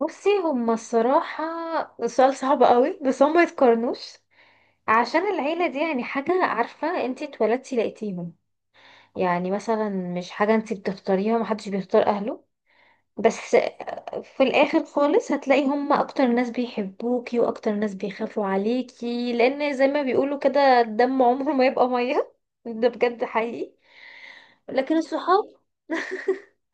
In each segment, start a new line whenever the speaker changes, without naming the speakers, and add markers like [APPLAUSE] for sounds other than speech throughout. بصي، هما الصراحة سؤال صعب قوي بس هما يتقارنوش. عشان العيلة دي يعني حاجة، عارفة، انتي اتولدتي لقيتيهم. يعني مثلا مش حاجة انتي بتختاريها، محدش بيختار أهله. بس في الاخر خالص هتلاقي هم اكتر ناس بيحبوكي واكتر ناس بيخافوا عليكي، لان زي ما بيقولوا كده الدم عمره ما يبقى ميه. [LAUGHS] ده بجد حقيقي. لكن الصحاب. [LAUGHS]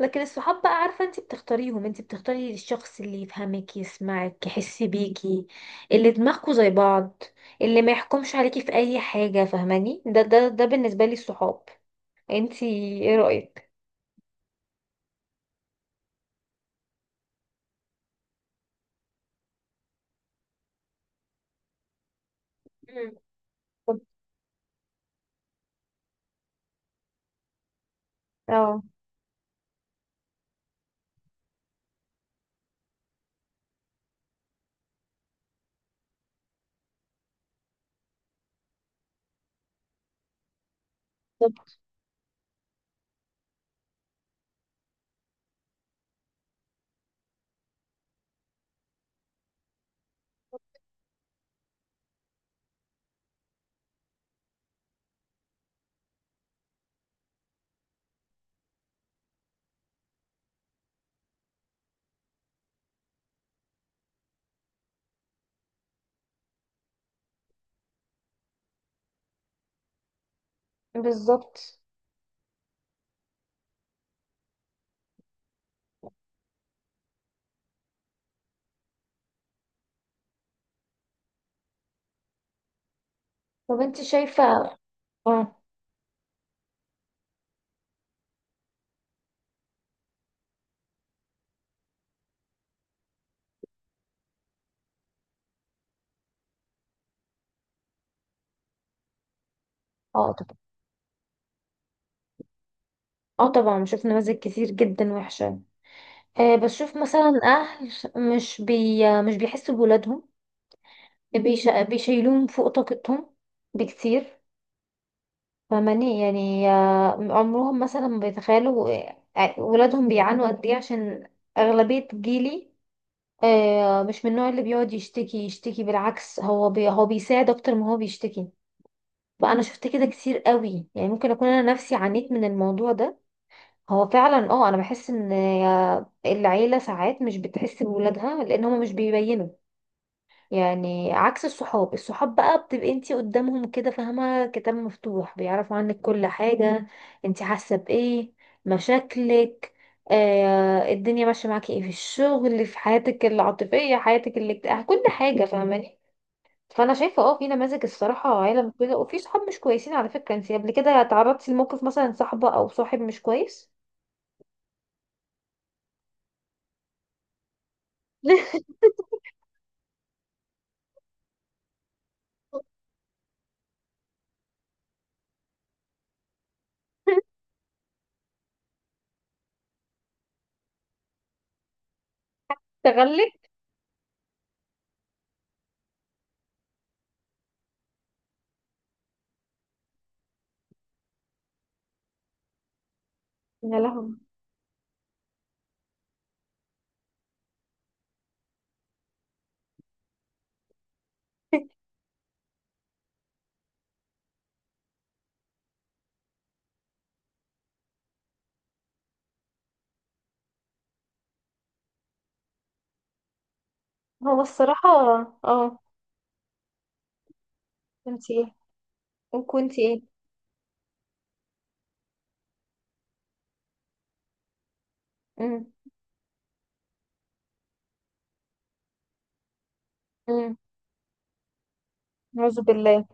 لكن الصحاب بقى، عارفة، انت بتختاريهم، انت بتختاري الشخص اللي يفهمك، يسمعك، يحس بيكي، اللي دماغكوا زي بعض، اللي ما يحكمش عليكي في اي حاجة، فاهماني؟ ده بالنسبة لي الصحاب. انت ايه رأيك؟ مم. طب- اه. طب بالظبط. طب انت شايفة؟ اه اه طبعا. اه طبعا، بشوف نماذج كتير جدا وحشة. آه، بشوف مثلا اهل مش بيحسوا بولادهم، بيشيلوهم فوق طاقتهم بكتير. فماني يعني آه عمرهم مثلا ما بيتخيلوا آه، ولادهم بيعانوا قد ايه، عشان اغلبية جيلي آه مش من النوع اللي بيقعد يشتكي يشتكي، بالعكس هو بيساعد اكتر ما هو بيشتكي. فانا شفت كده كتير قوي، يعني ممكن اكون انا نفسي عانيت من الموضوع ده. هو فعلا اه انا بحس ان العيله ساعات مش بتحس بولادها لان هما مش بيبينوا. يعني عكس الصحاب، الصحاب بقى بتبقي انتي قدامهم كده، فاهمه، كتاب مفتوح، بيعرفوا عنك كل حاجه، انتي حاسه بايه، مشاكلك، آه الدنيا ماشيه معاكي ايه في الشغل، في حياتك العاطفيه، حياتك الاجتماعيه، كل حاجه، فاهماني؟ فانا شايفه اه في نماذج الصراحه عيله مش كويسه وفي صحاب مش كويسين. على فكره انتي قبل كده تعرضتي لموقف مثلا صاحبه او صاحب مش كويس؟ [LAUGHS] تغلب. يا لهوي. [LAUGHS] هو الصراحة اه. كنت ايه؟ وكنت ايه؟ امم امم أعوذ بالله.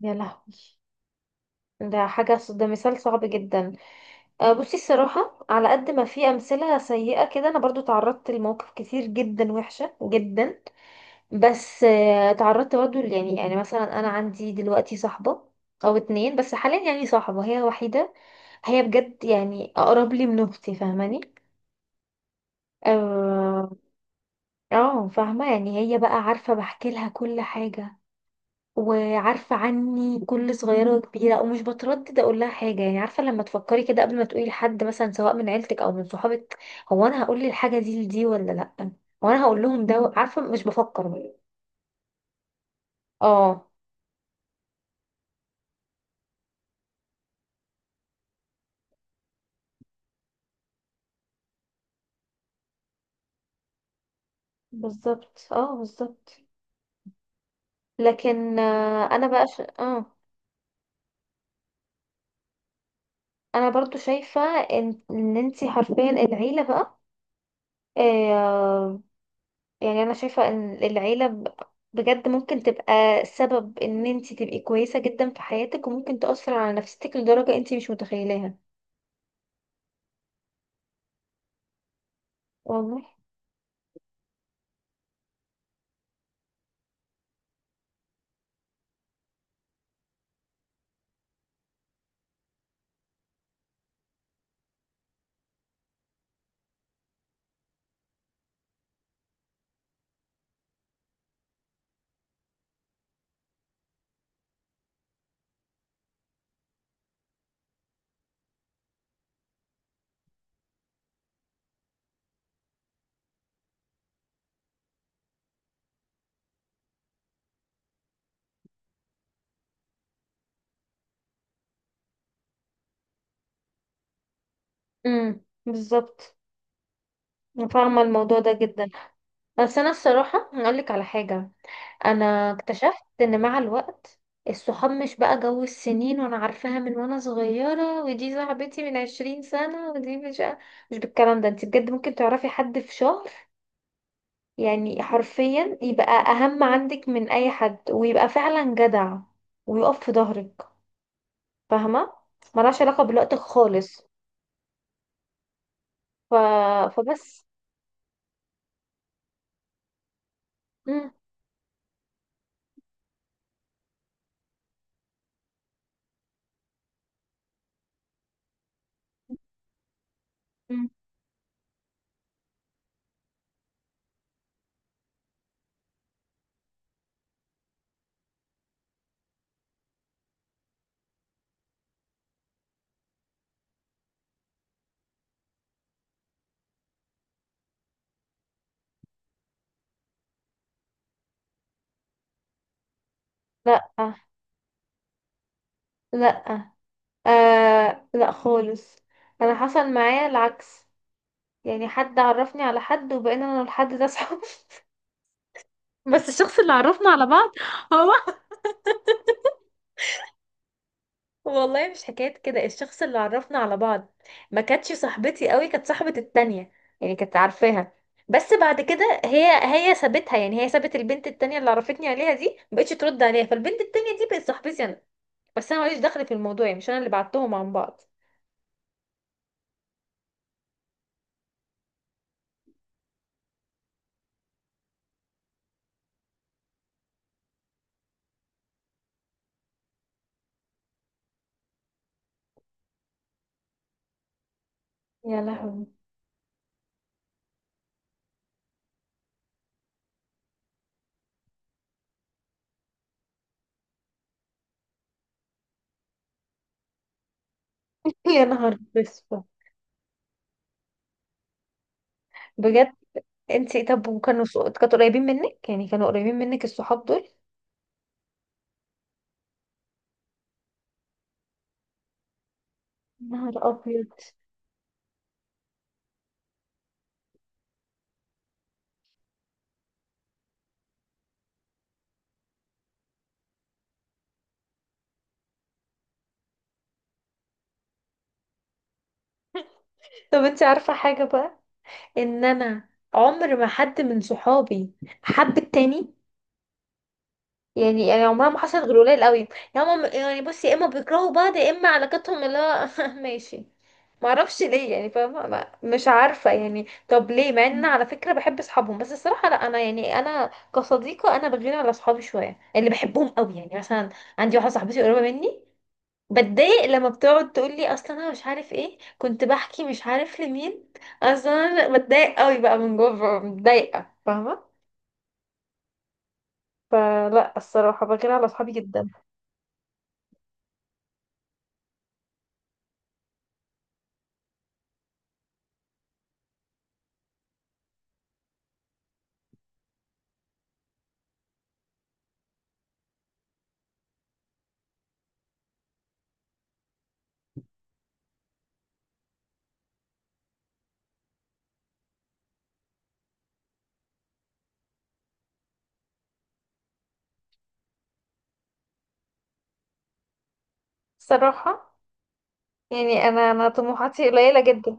يا لهوي، ده حاجة، ده مثال صعب جدا. آه، بصي الصراحة على قد ما في أمثلة سيئة كده، أنا برضو تعرضت لمواقف كتير جدا وحشة جدا. بس آه، تعرضت برضو يعني مثلا أنا عندي دلوقتي صاحبة، أو اتنين بس حاليا، يعني صاحبة هي وحيدة، هي بجد يعني أقرب لي من أختي، فاهماني آه؟ اه فاهمة، يعني هي بقى عارفة بحكي لها كل حاجة، وعارفة عني كل صغيرة وكبيرة، ومش بتردد اقول لها حاجة. يعني عارفة لما تفكري كده قبل ما تقولي لحد مثلا سواء من عيلتك او من صحابك، هو انا هقول الحاجة دي لدي ولا لا، هو انا هقول لهم، ده عارفة مش بفكر. اه بالظبط، اه بالظبط. لكن آه، انا بقى اه، انا برضو شايفة ان انتي حرفيا العيلة بقى، آه، يعني انا شايفة ان العيلة بجد ممكن تبقى سبب ان انت تبقي كويسة جدا في حياتك، وممكن تأثر على نفسيتك لدرجة انت مش متخيلاها. والله. بالظبط. أنا فاهمة الموضوع ده جدا. بس انا الصراحة هقولك على حاجة، انا اكتشفت ان مع الوقت الصحاب مش بقى جو السنين. وانا عارفاها من وانا صغيرة، ودي صاحبتي من عشرين سنة، ودي مش مش بالكلام ده. انت بجد ممكن تعرفي حد في شهر، يعني حرفيا يبقى اهم عندك من اي حد، ويبقى فعلا جدع ويقف في ظهرك، فاهمه؟ ملهاش علاقه بالوقت خالص. ف... فبس. مم. مم. لا، لا، آه لا خالص. انا حصل معايا العكس، يعني حد عرفني على حد وبقينا انا والحد ده صحاب. [LAUGHS] بس الشخص اللي عرفنا على بعض هو. والله مش حكاية كده، الشخص اللي عرفنا على بعض ما كانتش صاحبتي قوي، كانت صاحبة التانية. يعني كانت عارفاها، بس بعد كده هي، هي سابتها. يعني هي سابت البنت التانية اللي عرفتني عليها دي، مبقتش ترد عليها. فالبنت التانية دي بقت صاحبتي انا، بس انا ماليش دخل في الموضوع، يعني مش انا اللي بعتهم عن بعض. يا لهوي. [LAUGHS] يا نهار بسفة. بجد. انتي طب وكانوا كانوا قريبين منك؟ يعني كانوا قريبين منك الصحاب دول؟ نهار ابيض. طب انتي عارفة حاجة بقى، ان انا عمر ما حد من صحابي حب التاني. يعني يعني عمرها ما حصلت غير قليل قوي، يا هم يعني، بص، يا اما بيكرهوا بعض، يا اما علاقتهم اللي هو [LAUGHS] ماشي. ما اعرفش ليه يعني، فاهمه، مش عارفه يعني طب ليه؟ مع ان انا على فكره بحب اصحابهم. بس الصراحه لا، انا يعني انا كصديقه انا بغير على اصحابي شويه اللي بحبهم قوي. يعني مثلا عندي واحده صاحبتي قريبه مني، بتضايق لما بتقعد تقول لي اصلا انا مش عارف ايه كنت بحكي مش عارف لمين، اصلا انا بتضايق قوي بقى من جوه، ببقى متضايقه، فاهمه؟ فلا الصراحه بغير على اصحابي جدا. الصراحه يعني انا طموحاتي قليله جدا.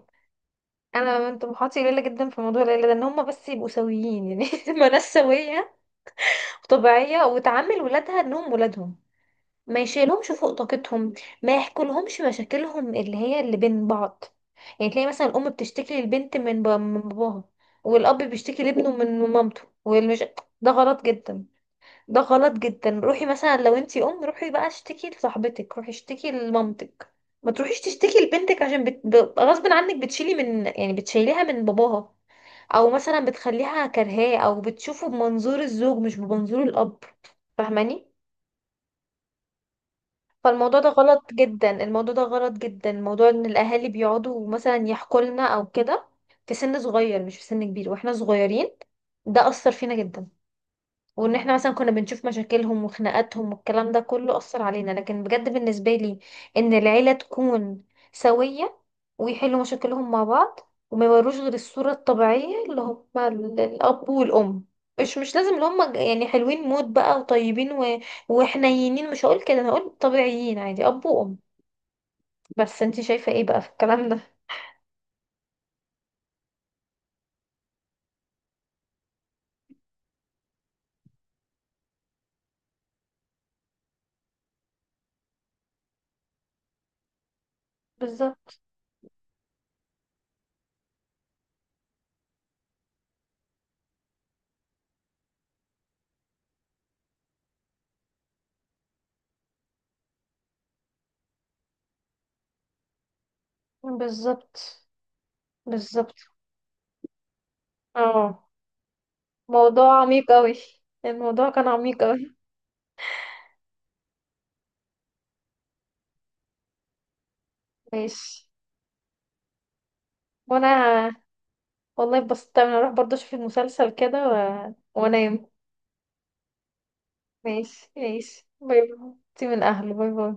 انا من طموحاتي قليله جدا في موضوع العيله ده، ان هم بس يبقوا سويين، يعني [LAUGHS] ما ناس سويه وطبيعيه، وتعامل ولادها انهم ولادهم، ما يشيلهمش فوق طاقتهم، ما يحكولهمش مشاكلهم اللي هي اللي بين بعض. يعني تلاقي مثلا الام بتشتكي للبنت من من باباها، والاب بيشتكي لابنه من مامته، والمش [TSK] ده غلط جدا. ده غلط جدا. روحي مثلا لو انتي ام روحي بقى اشتكي لصاحبتك، روحي اشتكي لمامتك، ما تروحيش تشتكي لبنتك، عشان غصب عنك بتشيلي من يعني بتشيليها من باباها، او مثلا بتخليها كرهاه، او بتشوفه بمنظور الزوج مش بمنظور الاب، فاهماني؟ فالموضوع ده غلط جدا، الموضوع ده غلط جدا. موضوع ان الاهالي بيقعدوا مثلا يحكوا لنا او كده في سن صغير، مش في سن كبير، واحنا صغيرين، ده اثر فينا جدا. وان احنا مثلا كنا بنشوف مشاكلهم وخناقاتهم والكلام ده كله، اثر علينا. لكن بجد بالنسبه لي، ان العيله تكون سويه ويحلوا مشاكلهم مع بعض، وما يوروش غير الصوره الطبيعيه اللي هم الاب والام. مش لازم اللي هم يعني حلوين موت بقى وطيبين و... وحنينين، مش هقول كده، انا هقول طبيعيين عادي، اب وام. بس انت شايفه ايه بقى في الكلام ده؟ بالظبط. بالظبط. بالظبط. اه. موضوع عميق قوي، الموضوع كان عميق قوي. ماشي. وانا والله اتبسطت اوي. انا اروح برضه اشوف المسلسل كده و... وانام. ماشي ماشي، باي باي. انتي من اهله، باي باي.